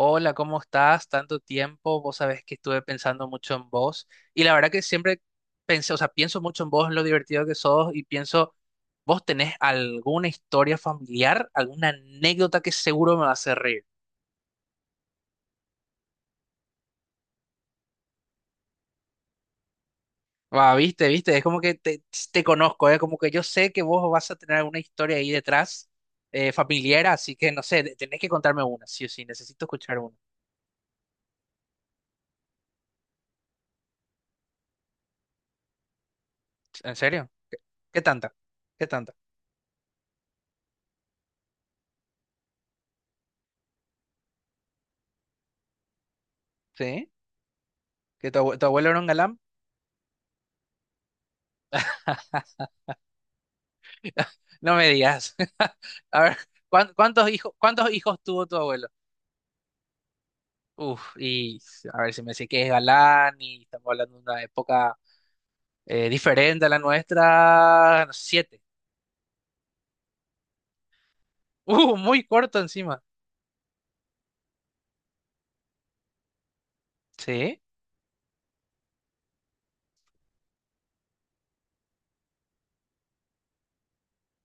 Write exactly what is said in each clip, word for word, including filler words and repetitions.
Hola, ¿cómo estás? Tanto tiempo, vos sabés que estuve pensando mucho en vos y la verdad que siempre pensé, o sea, pienso mucho en vos, en lo divertido que sos y pienso, vos tenés alguna historia familiar, alguna anécdota que seguro me va a hacer reír. Va, viste, viste, es como que te, te conozco, es como que yo sé que vos vas a tener alguna historia ahí detrás eh, familiar, así que no sé, de- tenés que contarme una, sí o sí, necesito escuchar una. ¿En serio? ¿Qué tanta? ¿Qué tanta? ¿Sí? ¿Que tu, abue- tu abuelo era un galán? No me digas. A ver, ¿cuán- ¿cuántos hijos, cuántos hijos tuvo tu abuelo? Uf, y a ver si me sé que es galán y estamos hablando de una época eh, diferente a la nuestra. Siete. Uh, muy corto encima. Sí,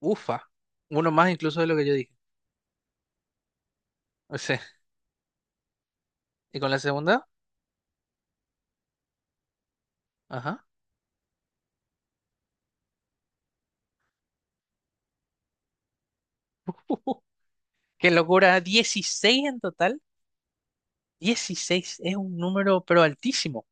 ufa. Uno más incluso de lo que yo dije. O sea, ¿y con la segunda? Ajá. Qué locura. Dieciséis en total. Dieciséis es un número pero altísimo.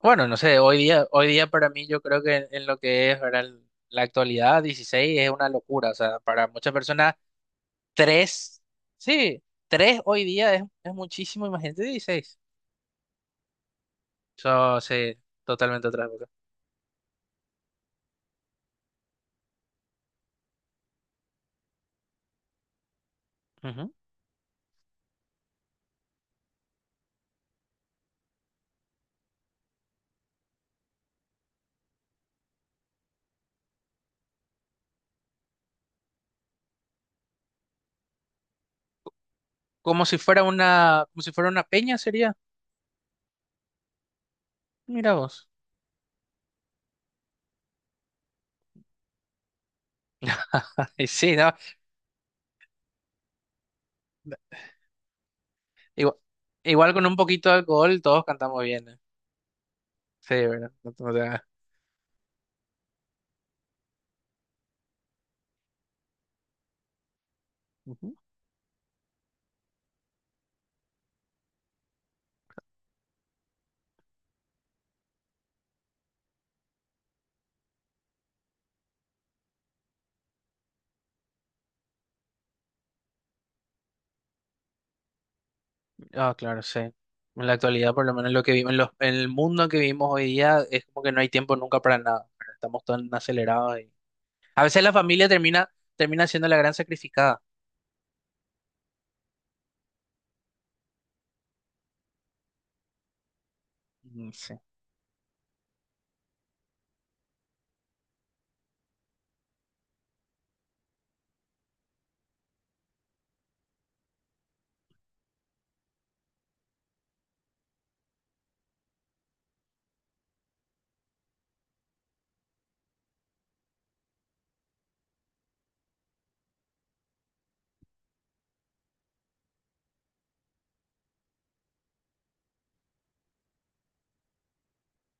Bueno, no sé, hoy día, hoy día para mí yo creo que en, en lo que es, ¿verdad? el- la actualidad, dieciséis es una locura, o sea, para muchas personas, tres, sí, tres hoy día es, es muchísimo, imagínate dieciséis. Eso sí, totalmente otra cosa. Ujú. Como si fuera una, como si fuera una peña sería, mira vos. Y sí, ¿no? Igual, igual con un poquito de alcohol todos cantamos bien, ¿eh? Sí, ¿verdad? No- no te hagas. Ah, claro, sí. En la actualidad, por lo menos lo que vivimos, en los- en el mundo que vivimos hoy día, es como que no hay tiempo nunca para nada, ¿verdad? Estamos tan acelerados y a veces la familia termina, termina siendo la gran sacrificada. Mm, sí.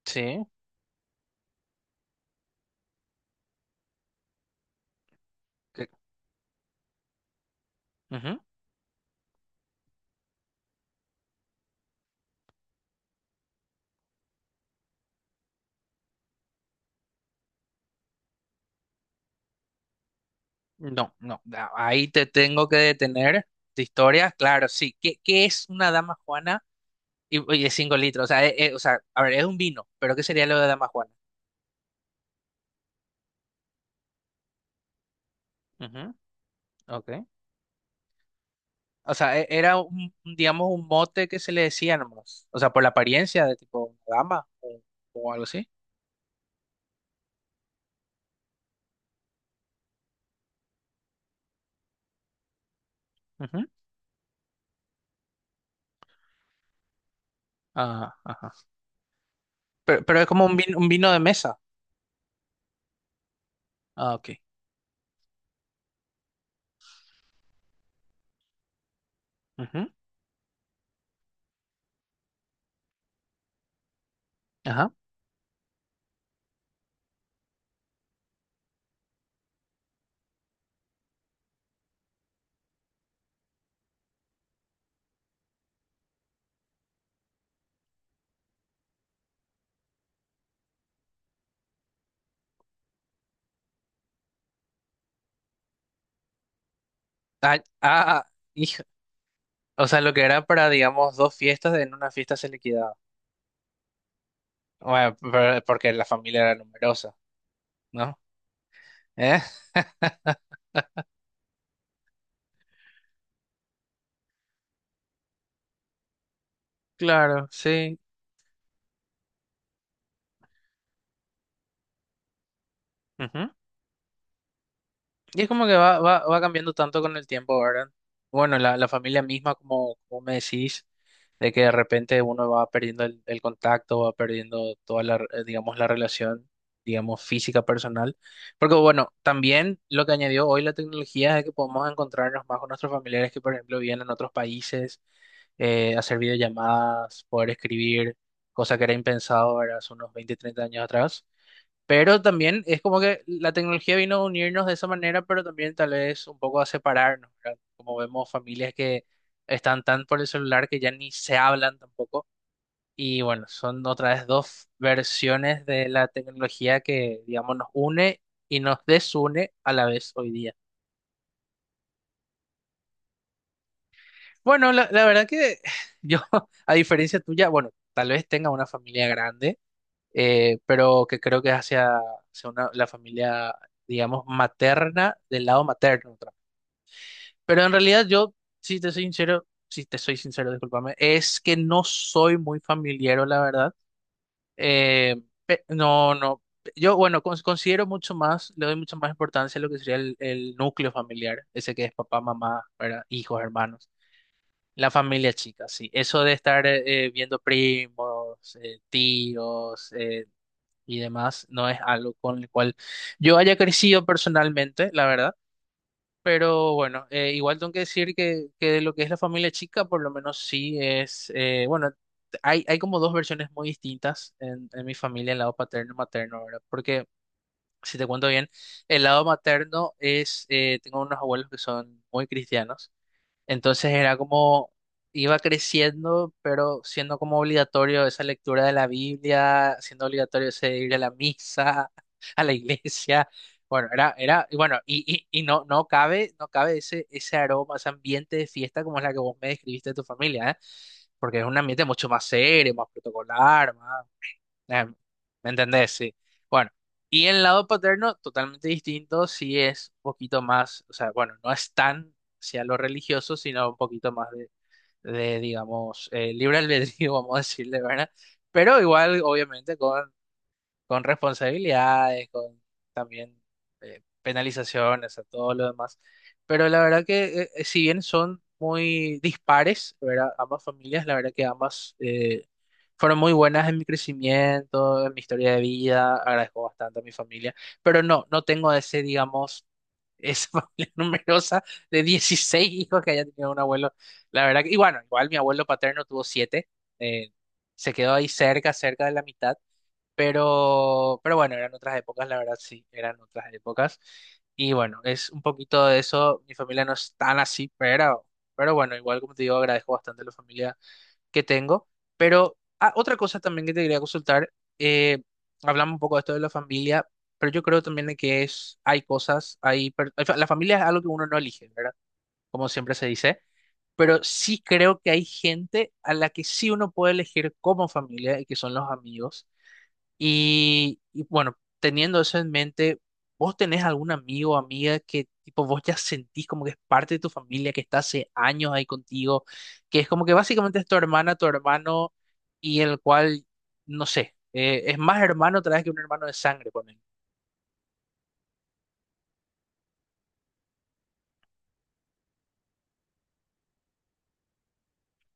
Sí. que- Ujú. No, no. a- Ahí te tengo que detener. De historias, claro, sí. ¿Qué, qué es una dama juana? Y, y de cinco litros. O sea, eh, eh, o sea, a ver, es un vino, pero ¿qué sería lo de dama juana? Ujú, ok. O sea, e- era un, un, digamos, un mote que se le decía nomás. O sea, por la apariencia de tipo una dama o, o algo así. Ujú. Ah, ajá. Pero, pero es como un vino, un vino de mesa. Ah, ok. Ujú. Ajá. Ah, ah, hija. O sea, lo que era para, digamos, dos fiestas, en una fiesta se liquidaba. Bueno, pero- porque la familia era numerosa, ¿no? ¿Eh? Claro, sí. Ujú. Y es como que va, va, va cambiando tanto con el tiempo, ¿verdad? Bueno, la, la familia misma, como, como me decís. De que de repente uno va perdiendo el, el contacto, va perdiendo toda la, eh, digamos, la relación, digamos, física personal. Porque bueno, también lo que añadió hoy la tecnología es que podemos encontrarnos más con nuestros familiares que, por ejemplo, viven en otros países, eh, hacer videollamadas, poder escribir, cosa que era impensado, ¿verdad? Hace unos veinte treinta años atrás. Pero también es como que la tecnología vino a unirnos de esa manera, pero también tal vez un poco a separarnos, ¿verdad? Como vemos familias que están tan por el celular que ya ni se hablan tampoco. Y bueno, son otra vez dos versiones de la tecnología que, digamos, nos une y nos desune a la vez hoy día. Bueno, la, la verdad que yo, a diferencia tuya, bueno, tal vez tenga una familia grande eh, pero que creo que es hacia, hacia una- la familia, digamos, materna, del lado materno, otra. Pero en realidad yo, si te soy sincero, si te soy sincero, discúlpame, es que no soy muy familiar, la verdad. Eh, pe- no, no. Yo, bueno, cons- considero mucho más, le doy mucha más importancia a lo que sería el, el núcleo familiar, ese que es papá, mamá, ¿verdad? Hijos, hermanos. La familia chica, sí. Eso de estar eh, eh, viendo primos, eh, tíos, eh, y demás, no es algo con el cual yo haya crecido personalmente, la verdad. Pero bueno, eh, igual tengo que decir que, que de lo que es la familia chica, por lo menos sí es, eh, bueno, hay, hay como dos versiones muy distintas en, en mi familia, el lado paterno y materno, ¿verdad? Porque, si te cuento bien, el lado materno es, eh, tengo unos abuelos que son muy cristianos. Entonces era como, iba creciendo, pero siendo como obligatorio esa lectura de la Biblia, siendo obligatorio ese ir a la misa, a la iglesia. Bueno, era, era, y bueno, y, y, y no, no cabe, no cabe ese, ese aroma, ese ambiente de fiesta como es la que vos me describiste de tu familia, ¿eh? Porque es un ambiente mucho más serio, más protocolar, más. Eh, ¿Me entendés? Sí. Bueno, y el lado paterno, totalmente distinto, sí es un poquito más, o sea, bueno, no es tan hacia lo religioso, sino un poquito más de, de digamos, eh, libre albedrío, vamos a decirle, ¿verdad? Pero igual, obviamente, con con responsabilidades, con también eh, penalizaciones, a todo lo demás. Pero la verdad que eh, eh, si bien son muy dispares, ¿verdad? Ambas familias, la verdad que ambas eh, fueron muy buenas en mi crecimiento, en mi historia de vida, agradezco bastante a mi familia, pero no, no tengo ese, digamos... Esa familia numerosa de dieciséis hijos que haya tenido un abuelo. La verdad que, y bueno, igual mi abuelo paterno tuvo siete eh, se quedó ahí cerca, cerca de la mitad pero, pero bueno, eran otras épocas, la verdad sí, eran otras épocas. Y bueno, es un poquito de eso. Mi familia no es tan así, pero, pero bueno, igual como te digo, agradezco bastante la familia que tengo. Pero ah, otra cosa también que te quería consultar, eh, hablamos un poco de esto de la familia, pero yo creo también de que es, hay cosas, hay, per- o sea, la familia es algo que uno no elige, ¿verdad? Como siempre se dice. Pero sí creo que hay gente a la que sí uno puede elegir como familia y que son los amigos. Y, y bueno, teniendo eso en mente, ¿vos tenés algún amigo o amiga que tipo vos ya sentís como que es parte de tu familia, que está hace años ahí contigo, que es como que básicamente es tu hermana, tu hermano, y el cual, no sé, eh, es más hermano otra vez que un hermano de sangre, ponen.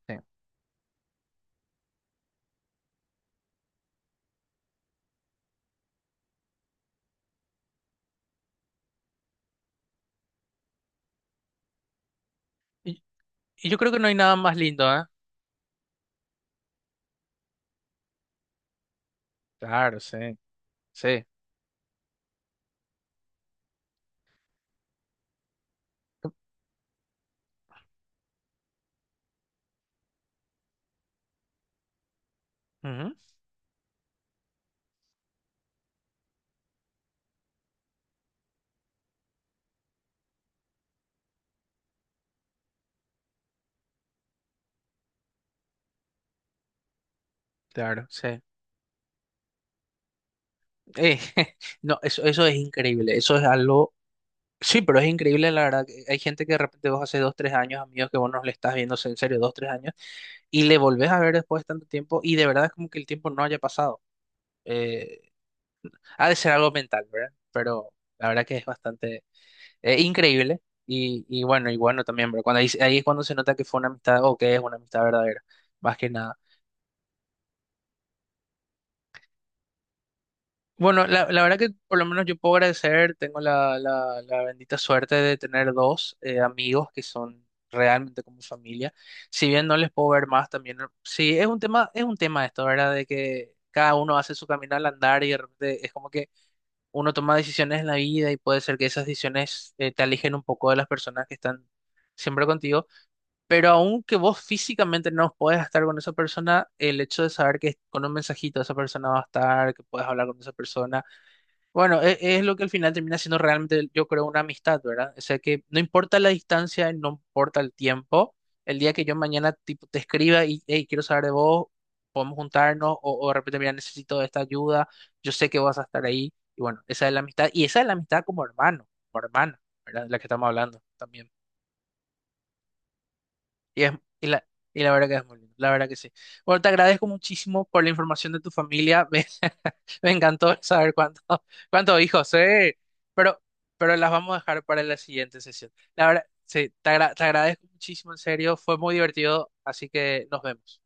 Sí. Y, y yo creo que no hay nada más lindo, ¿eh? Claro, sí, sí. Ujú, claro, sí. Eh, no, eso, eso es increíble, eso es algo. Sí, pero es increíble, la verdad, que hay gente que de repente vos hace dos, tres años, amigos, que vos no le estás viendo en serio dos, tres años, y le volvés a ver después de tanto tiempo, y de verdad es como que el tiempo no haya pasado. Eh, Ha de ser algo mental, ¿verdad? Pero la verdad que es bastante eh, increíble, y, y bueno, y bueno también, pero cuando ahí, ahí es cuando se nota que fue una amistad, o que es una amistad verdadera, más que nada. Bueno, la, la verdad que por lo menos yo puedo agradecer, tengo la, la, la bendita suerte de tener dos eh, amigos que son realmente como familia. Si bien no les puedo ver más también, sí, es un tema, es un tema esto, ¿verdad? De que cada uno hace su camino al andar y de repente es como que uno toma decisiones en la vida y puede ser que esas decisiones eh, te alejen un poco de las personas que están siempre contigo, pero aunque vos físicamente no puedas estar con esa persona, el hecho de saber que con un mensajito esa persona va a estar, que puedes hablar con esa persona bueno, e- es, lo que al final termina siendo realmente, yo creo, una amistad, ¿verdad? O sea que no importa la distancia, no importa el tiempo, el día que yo mañana tipo, te escriba y hey, quiero saber de vos, podemos juntarnos, o, o de repente, mira, necesito esta ayuda, yo sé que vas a estar ahí, y bueno, esa es la amistad, y esa es la amistad como hermano, como hermana, ¿verdad? De la que estamos hablando también. Y, es- y la, y la verdad que es muy lindo, la verdad que sí. Bueno, te agradezco muchísimo por la información de tu familia. Me, me encantó saber cuánto- cuántos hijos, eh. Pero, pero las vamos a dejar para la siguiente sesión. La verdad, sí, te agra- te agradezco muchísimo, en serio. Fue muy divertido, así que nos vemos.